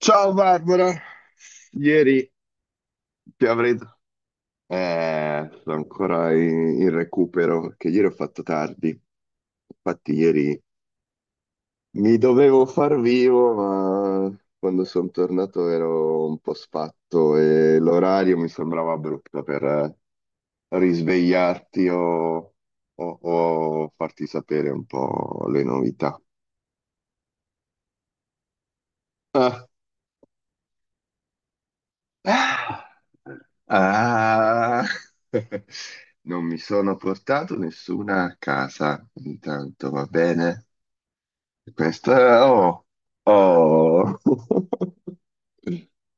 Ciao Barbara, ieri ti avrei... sono ancora in recupero perché ieri ho fatto tardi. Infatti ieri mi dovevo far vivo, ma quando sono tornato ero un po' sfatto e l'orario mi sembrava brutto per risvegliarti o farti sapere un po' le novità. Ah, ah. Non mi sono portato nessuna a casa, intanto va bene. Questa, oh, oh,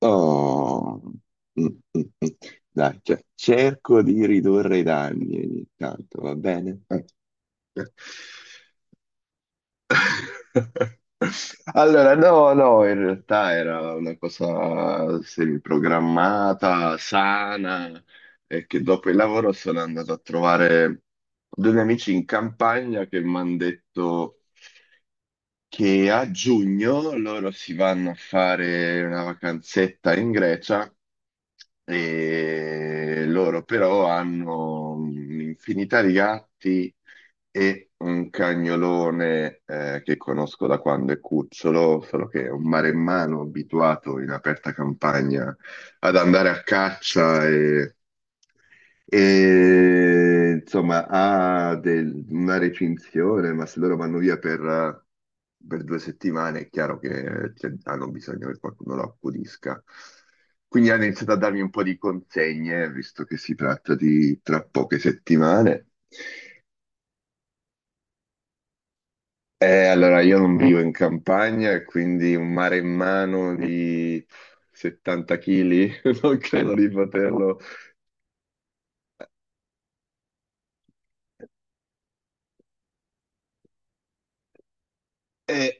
oh. Mm, mm, mm. Dai, cioè, cerco di ridurre i danni ogni tanto, va bene? Allora, no, no, in realtà era una cosa semiprogrammata, sana, e che dopo il lavoro sono andato a trovare 2 amici in campagna che mi hanno detto che a giugno loro si vanno a fare una vacanzetta in Grecia e loro però hanno un'infinità di gatti e un cagnolone che conosco da quando è cucciolo, solo che è un maremmano abituato in aperta campagna ad andare a caccia e insomma, una recinzione, ma se loro vanno via per 2 settimane è chiaro che, cioè, hanno bisogno che qualcuno lo accudisca. Quindi hanno iniziato a darmi un po' di consegne, visto che si tratta di tra poche settimane. Allora, io non vivo in campagna e quindi un mare in mano di 70 kg non credo di poterlo. E,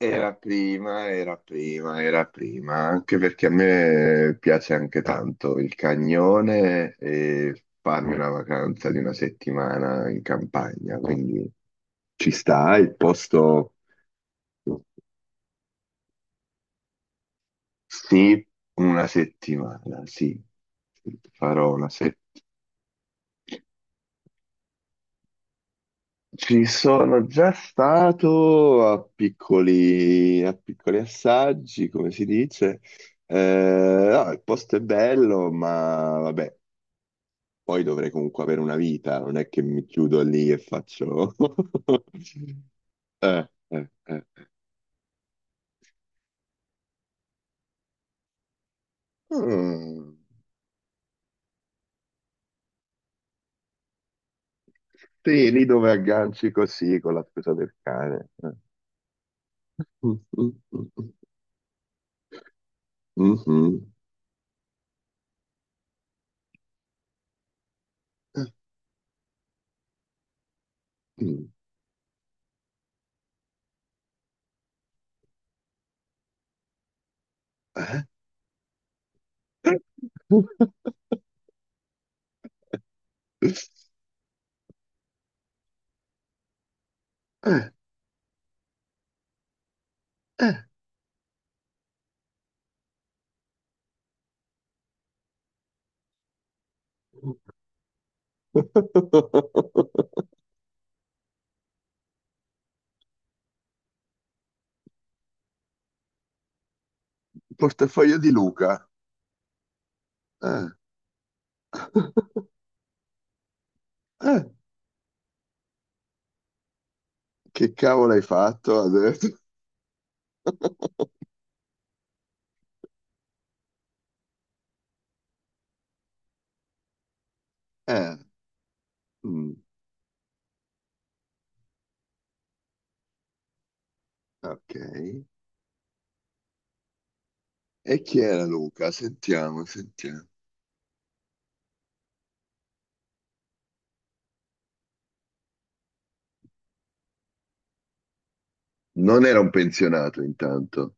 Era prima, era prima, era prima, anche perché a me piace anche tanto il cagnone e farmi una vacanza di 1 settimana in campagna, quindi ci sta il posto, sì, 1 settimana, sì, farò 1 settimana. Ci sono già stato a piccoli assaggi, come si dice. No, il posto è bello, ma vabbè, poi dovrei comunque avere una vita, non è che mi chiudo lì e faccio... eh. Mm. Sì, lì dove agganci così con la scusa del cane. Mm, mm, mm, mm, mhm. Mm. Eh? Eh. Eh. Portafoglio di Luca. Eh. Eh, Che cavolo hai fatto adesso? Eh, mm, ok. E chi era Luca? Sentiamo, sentiamo. Non era un pensionato intanto,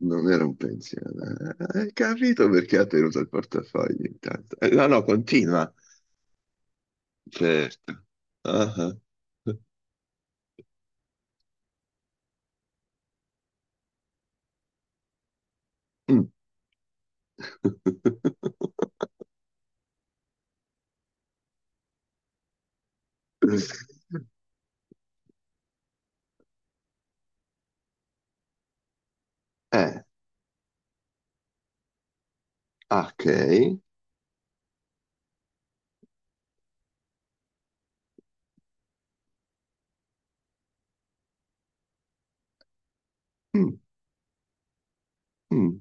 non era un pensionato. Hai capito perché ha tenuto il portafoglio intanto? No, no, continua. Certo. Ah, ah. Mm. Eh, ok. Mm, mm.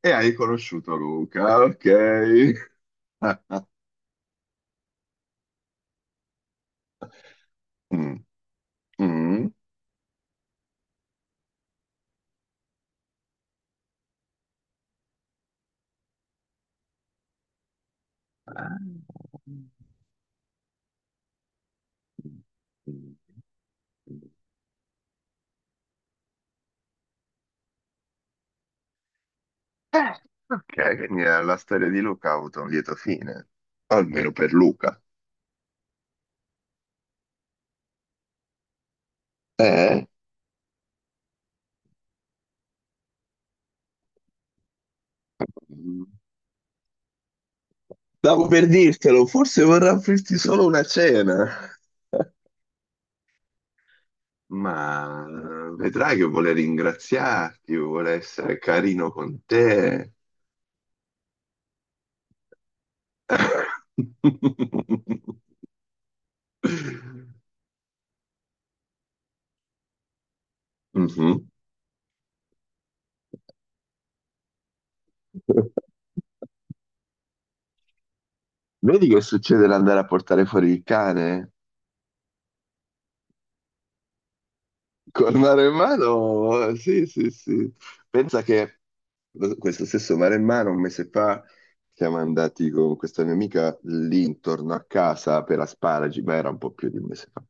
E hai conosciuto Luca, ok. Ah, ah. Mm, mm. Eh, ok, quindi la storia di Luca ha avuto un lieto fine, almeno per Luca. Eh? Stavo per dirtelo, forse vorrà offrirti solo una cena. Ma vedrai che vuole ringraziarti, vuole essere carino con te. Mhm. Vedi che succede l'andare a portare fuori il cane? Col maremmano? Sì, sì, sì. Pensa che questo stesso maremmano un mese fa siamo andati con questa mia amica lì intorno a casa per asparagi, ma era un po' più di un mese fa.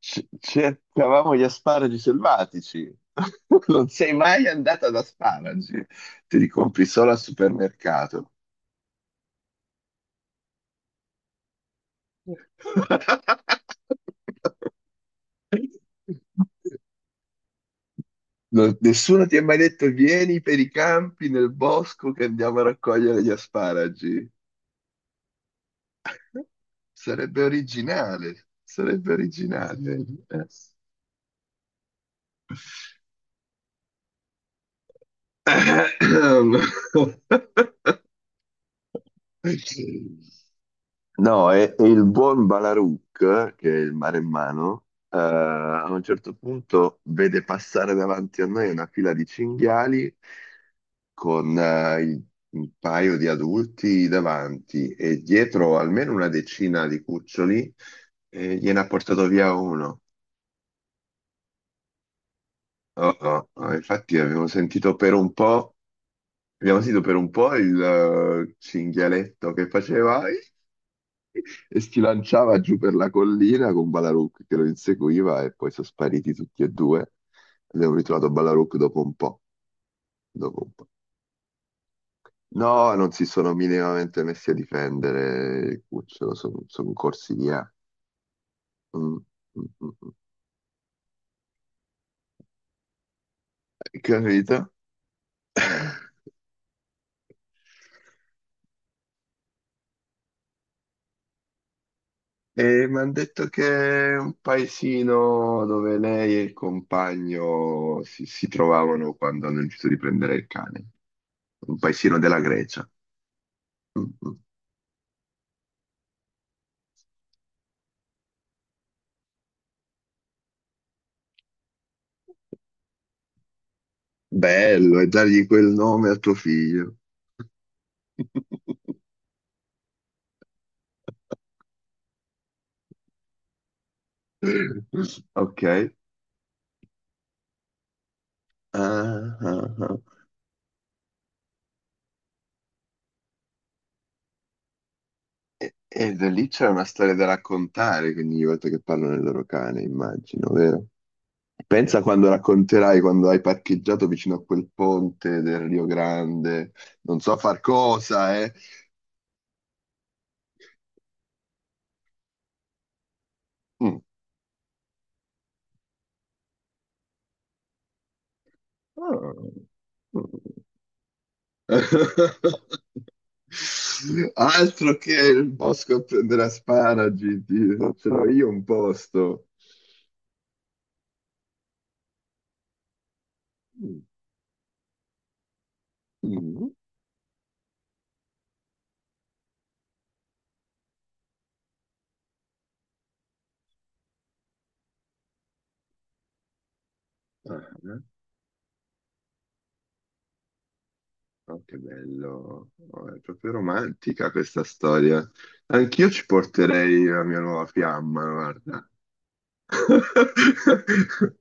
Cercavamo gli asparagi selvatici. Non sei mai andata ad asparagi, te li compri solo al supermercato. Nessuno ti ha mai detto vieni per i campi nel bosco che andiamo a raccogliere gli asparagi. Sarebbe originale, sarebbe originale. Mhm. Eh. No, e il buon Balaruc, che è il maremmano, a un certo punto vede passare davanti a noi una fila di cinghiali con un paio di adulti davanti e dietro almeno una decina di cuccioli e gliene ha portato via uno. Oh, oh, oh, infatti abbiamo sentito per un po', abbiamo sentito per un po' il cinghialetto che faceva e si lanciava giù per la collina con Ballaruk che lo inseguiva e poi sono spariti tutti e due. Abbiamo ritrovato Ballaruk dopo un po', dopo un po'. No, non si sono minimamente messi a difendere Cucciolo, sono corsi via. Mm, mm, mm, mm. Capito? E mi hanno detto che è un paesino dove lei e il compagno si trovavano quando hanno deciso di prendere il cane. Un paesino della Grecia. Mm, mm. Bello, e dargli quel nome a tuo figlio. Ok. Ah, ah, ah. E da lì c'è una storia da raccontare, quindi ogni volta che parlano del loro cane, immagino, vero? Pensa quando racconterai quando hai parcheggiato vicino a quel ponte del Rio Grande, non so far cosa, eh. Mm. Ah. Mm. Altro che il bosco a prendere asparagi, ti faccio io un posto. Mm. Mm. Ah, oh, che bello, oh, è proprio romantica questa storia. Anch'io ci porterei la mia nuova fiamma, guarda.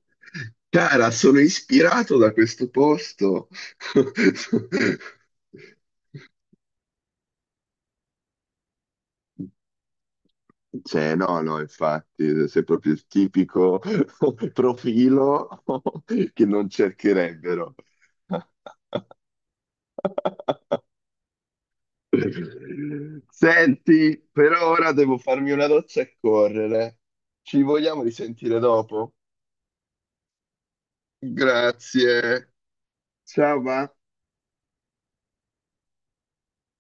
Cara, sono ispirato da questo posto. Cioè, no, no, infatti, sei proprio il tipico profilo che non cercherebbero. Senti, per ora devo farmi una doccia e correre. Ci vogliamo risentire dopo? Grazie. Ciao, va.